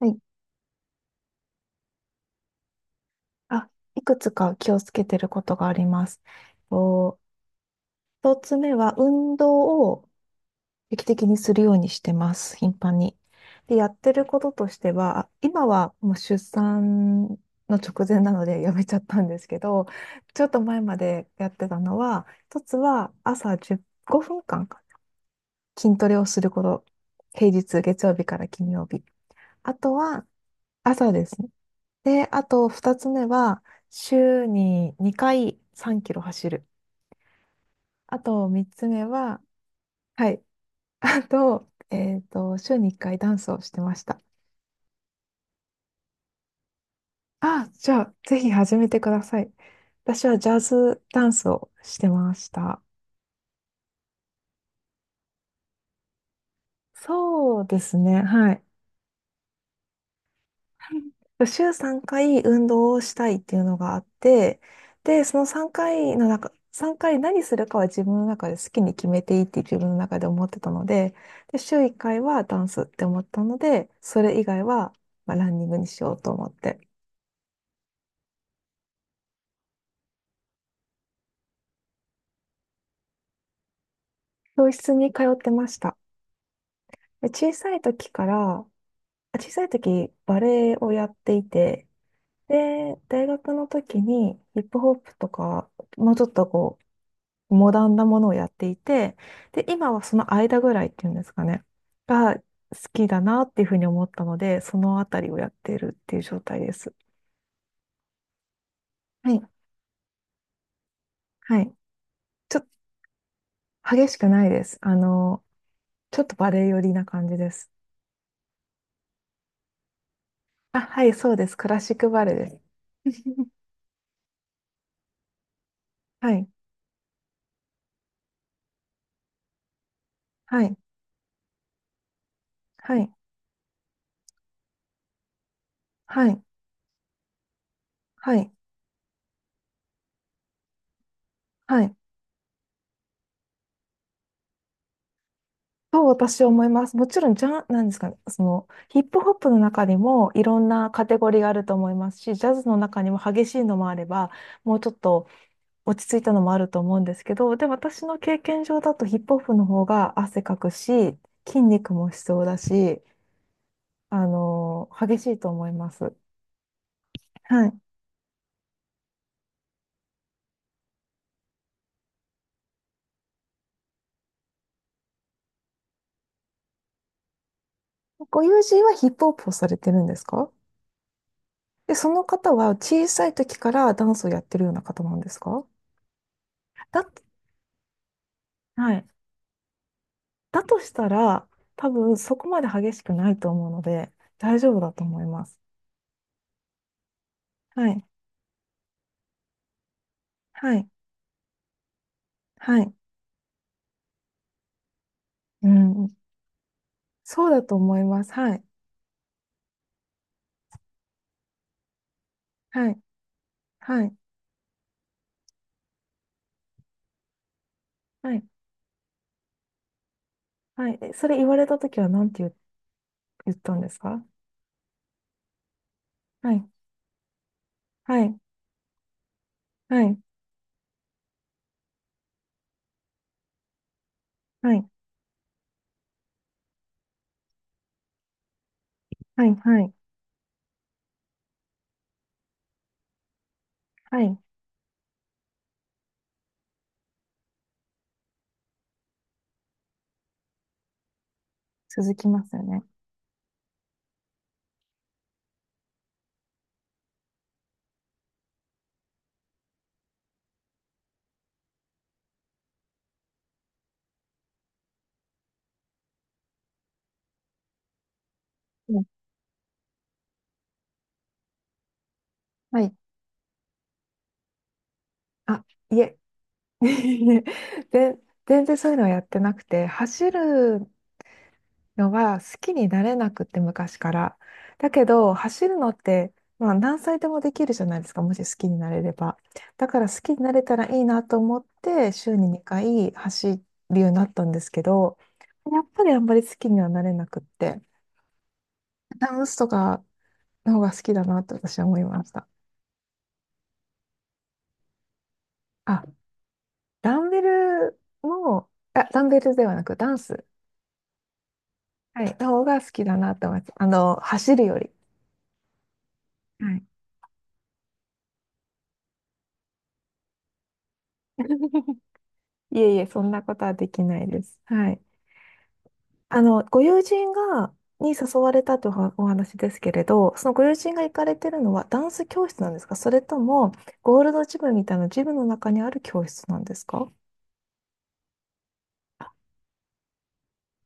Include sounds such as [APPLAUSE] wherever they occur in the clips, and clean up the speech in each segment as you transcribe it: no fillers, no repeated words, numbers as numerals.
はい。あ、いくつか気をつけてることがあります。と、一つ目は運動を定期的にするようにしてます。頻繁に。で、やってることとしては、今はもう出産の直前なので [LAUGHS] やめちゃったんですけど、ちょっと前までやってたのは、一つは朝10、5分間筋トレをすること。平日、月曜日から金曜日。あとは朝ですね。で、あと2つ目は、週に2回3キロ走る。あと3つ目は、はい。[LAUGHS] あと、週に1回ダンスをしてました。あ、じゃあ、ぜひ始めてください。私はジャズダンスをしてました。そうですね。はい。週3回運動をしたいっていうのがあって、で、その3回の中、3回何するかは自分の中で好きに決めていいって自分の中で思ってたので、で、週1回はダンスって思ったので、それ以外は、まあ、ランニングにしようと思って、教室に通ってました。で小さい時から、小さい時バレエをやっていて、で、大学の時にヒップホップとか、もうちょっとこモダンなものをやっていて、で、今はその間ぐらいっていうんですかね、が好きだなっていうふうに思ったので、そのあたりをやってるっていう状態です。はい。はい。ちょっと激しくないです。あの、ちょっとバレエ寄りな感じです。あ、はい、そうです。クラシックバレエです。[LAUGHS] はい。[LAUGHS] はい。はい。はい。はい。はい。と私は思います。もちろん、じゃ、なんですかね、その、ヒップホップの中にもいろんなカテゴリーがあると思いますし、ジャズの中にも激しいのもあれば、もうちょっと落ち着いたのもあると思うんですけど、で、私の経験上だとヒップホップの方が汗かくし、筋肉も必要だし、あの激しいと思います。はい。ご友人はヒップホップをされてるんですか？で、その方は小さい時からダンスをやってるような方なんですか？だっ、はい。だとしたら、多分そこまで激しくないと思うので、大丈夫だと思います。はい。はい。はい。うん。そうだと思います。はい。はい。はい。はい。はい。えそれ言われたときは何て言う、言ったんですか？はい。はい。はい。はい。はい。はい。はい。続きますよね。うん。はい。あ、いえ。[LAUGHS] いえで、全然そういうのはやってなくて、走るのは好きになれなくって昔から。だけど走るのって、まあ、何歳でもできるじゃないですか、もし好きになれれば。だから好きになれたらいいなと思って週に2回走るようになったんですけどやっぱりあんまり好きにはなれなくってダンスとかの方が好きだなと私は思いました。あ、ダンベルも、あ、ダンベルではなくダンス、はい、の方が好きだなと思います。あの走るより。はい [LAUGHS] いえいえ、そんなことはできないです。はい。あの、ご友人が、に誘われたというおお話ですけれど、そのご友人が行かれてるのはダンス教室なんですか、それとも、ゴールドジムみたいなジムの中にある教室なんですか？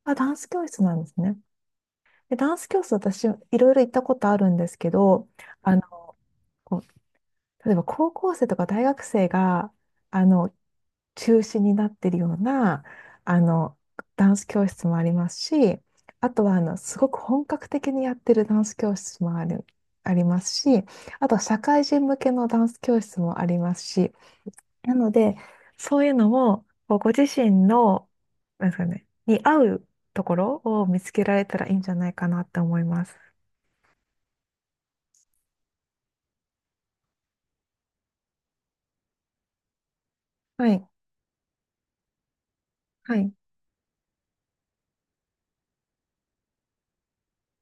あ、ダンス教室なんですね。で、ダンス教室私、いろいろ行ったことあるんですけど、あの、こう例えば高校生とか大学生が、あの、中止になってるような、あの、ダンス教室もありますし、あとは、あの、すごく本格的にやってるダンス教室もありますし、あとは社会人向けのダンス教室もありますし、なので、そういうのも、こうご自身の、なんですかね、に合うところを見つけられたらいいんじゃないかなって思います。はい。はい。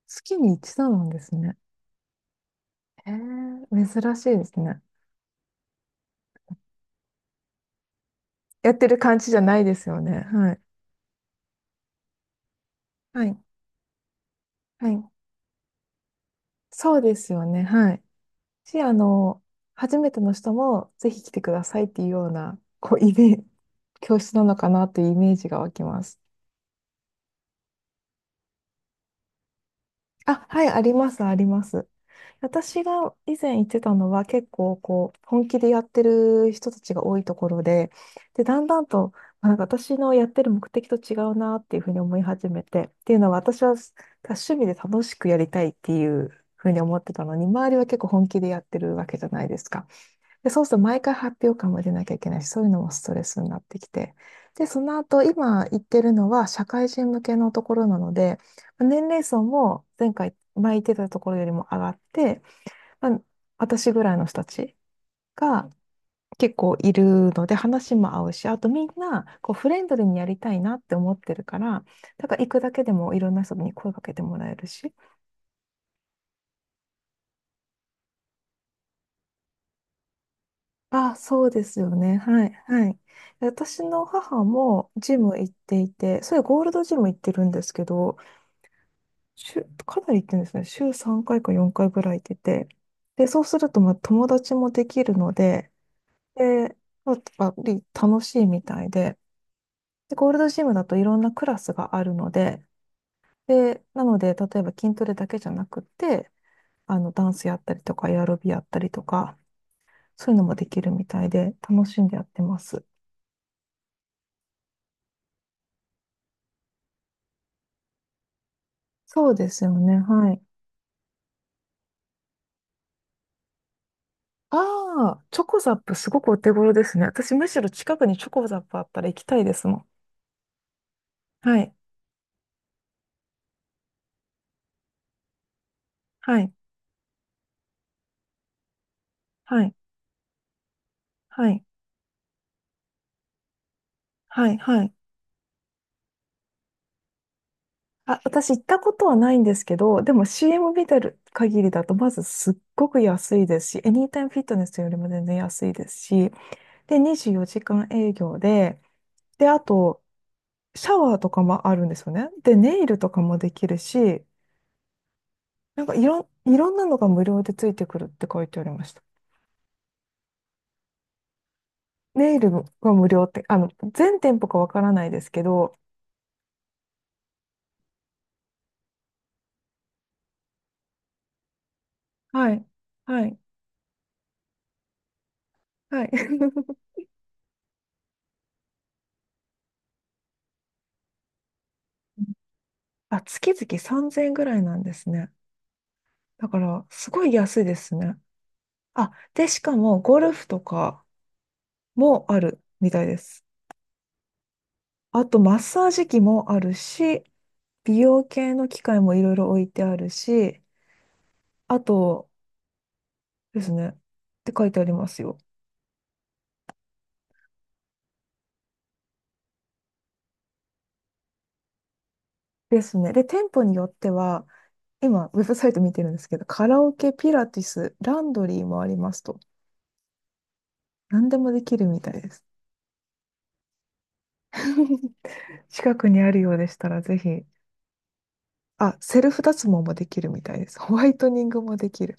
月に一度なんですね。へえ、珍しいですね。やってる感じじゃないですよね。はい。はい。はい。そうですよね。はい。し、あの、初めての人もぜひ来てくださいっていうような、こう、イメージ、教室なのかなっていうイメージが湧きます。あ、はい、あります、あります。私が以前行ってたのは結構こう本気でやってる人たちが多いところで、で、だんだんとなんか私のやってる目的と違うなっていうふうに思い始めて、っていうのは私は趣味で楽しくやりたいっていうふうに思ってたのに、周りは結構本気でやってるわけじゃないですか。で、そうすると毎回発表会も出なきゃいけないし、そういうのもストレスになってきて。で、その後、今言ってるのは社会人向けのところなので、年齢層も前言ってたところよりも上がって、まあ私ぐらいの人たちが結構いるので、話も合うし、あとみんなこうフレンドリーにやりたいなって思ってるから、だから行くだけでもいろんな人に声かけてもらえるし、あ、そうですよね。はい、はい。私の母もジム行っていて、それゴールドジム行ってるんですけど、週、かなり行ってるんですね。週3回か4回ぐらい行ってて。で、そうすると、まあ、友達もできるので、で、まあ、やっぱり楽しいみたいで、で、ゴールドジムだといろんなクラスがあるので、で、なので、例えば筋トレだけじゃなくって、あの、ダンスやったりとか、エアロビやったりとか、そういうのもできるみたいで、楽しんでやってます。そうですよね。はい。ああ、チョコザップすごくお手頃ですね。私むしろ近くにチョコザップあったら行きたいですもん。はい。はい。はい。はい。はい。はい。あ、私行ったことはないんですけど、でも CM 見てる限りだと、まずすっごく安いですし、エニータイムフィットネスよりも全然安いですし、で、24時間営業で、で、あと、シャワーとかもあるんですよね。で、ネイルとかもできるし、いろんなのが無料でついてくるって書いてありました。ネイルが無料って、あの、全店舗かわからないですけど、はい。はい。はい。[LAUGHS] あ、月々3000円ぐらいなんですね。だから、すごい安いですね。あ、で、しかも、ゴルフとかもあるみたいです。あと、マッサージ機もあるし、美容系の機械もいろいろ置いてあるし、あとですね、って書いてありますよ。ですね。で、店舗によっては、今、ウェブサイト見てるんですけど、カラオケ、ピラティス、ランドリーもありますと。何でもできるみたいです。[LAUGHS] 近くにあるようでしたら、ぜひ。あ、セルフ脱毛もできるみたいです。ホワイトニングもできる。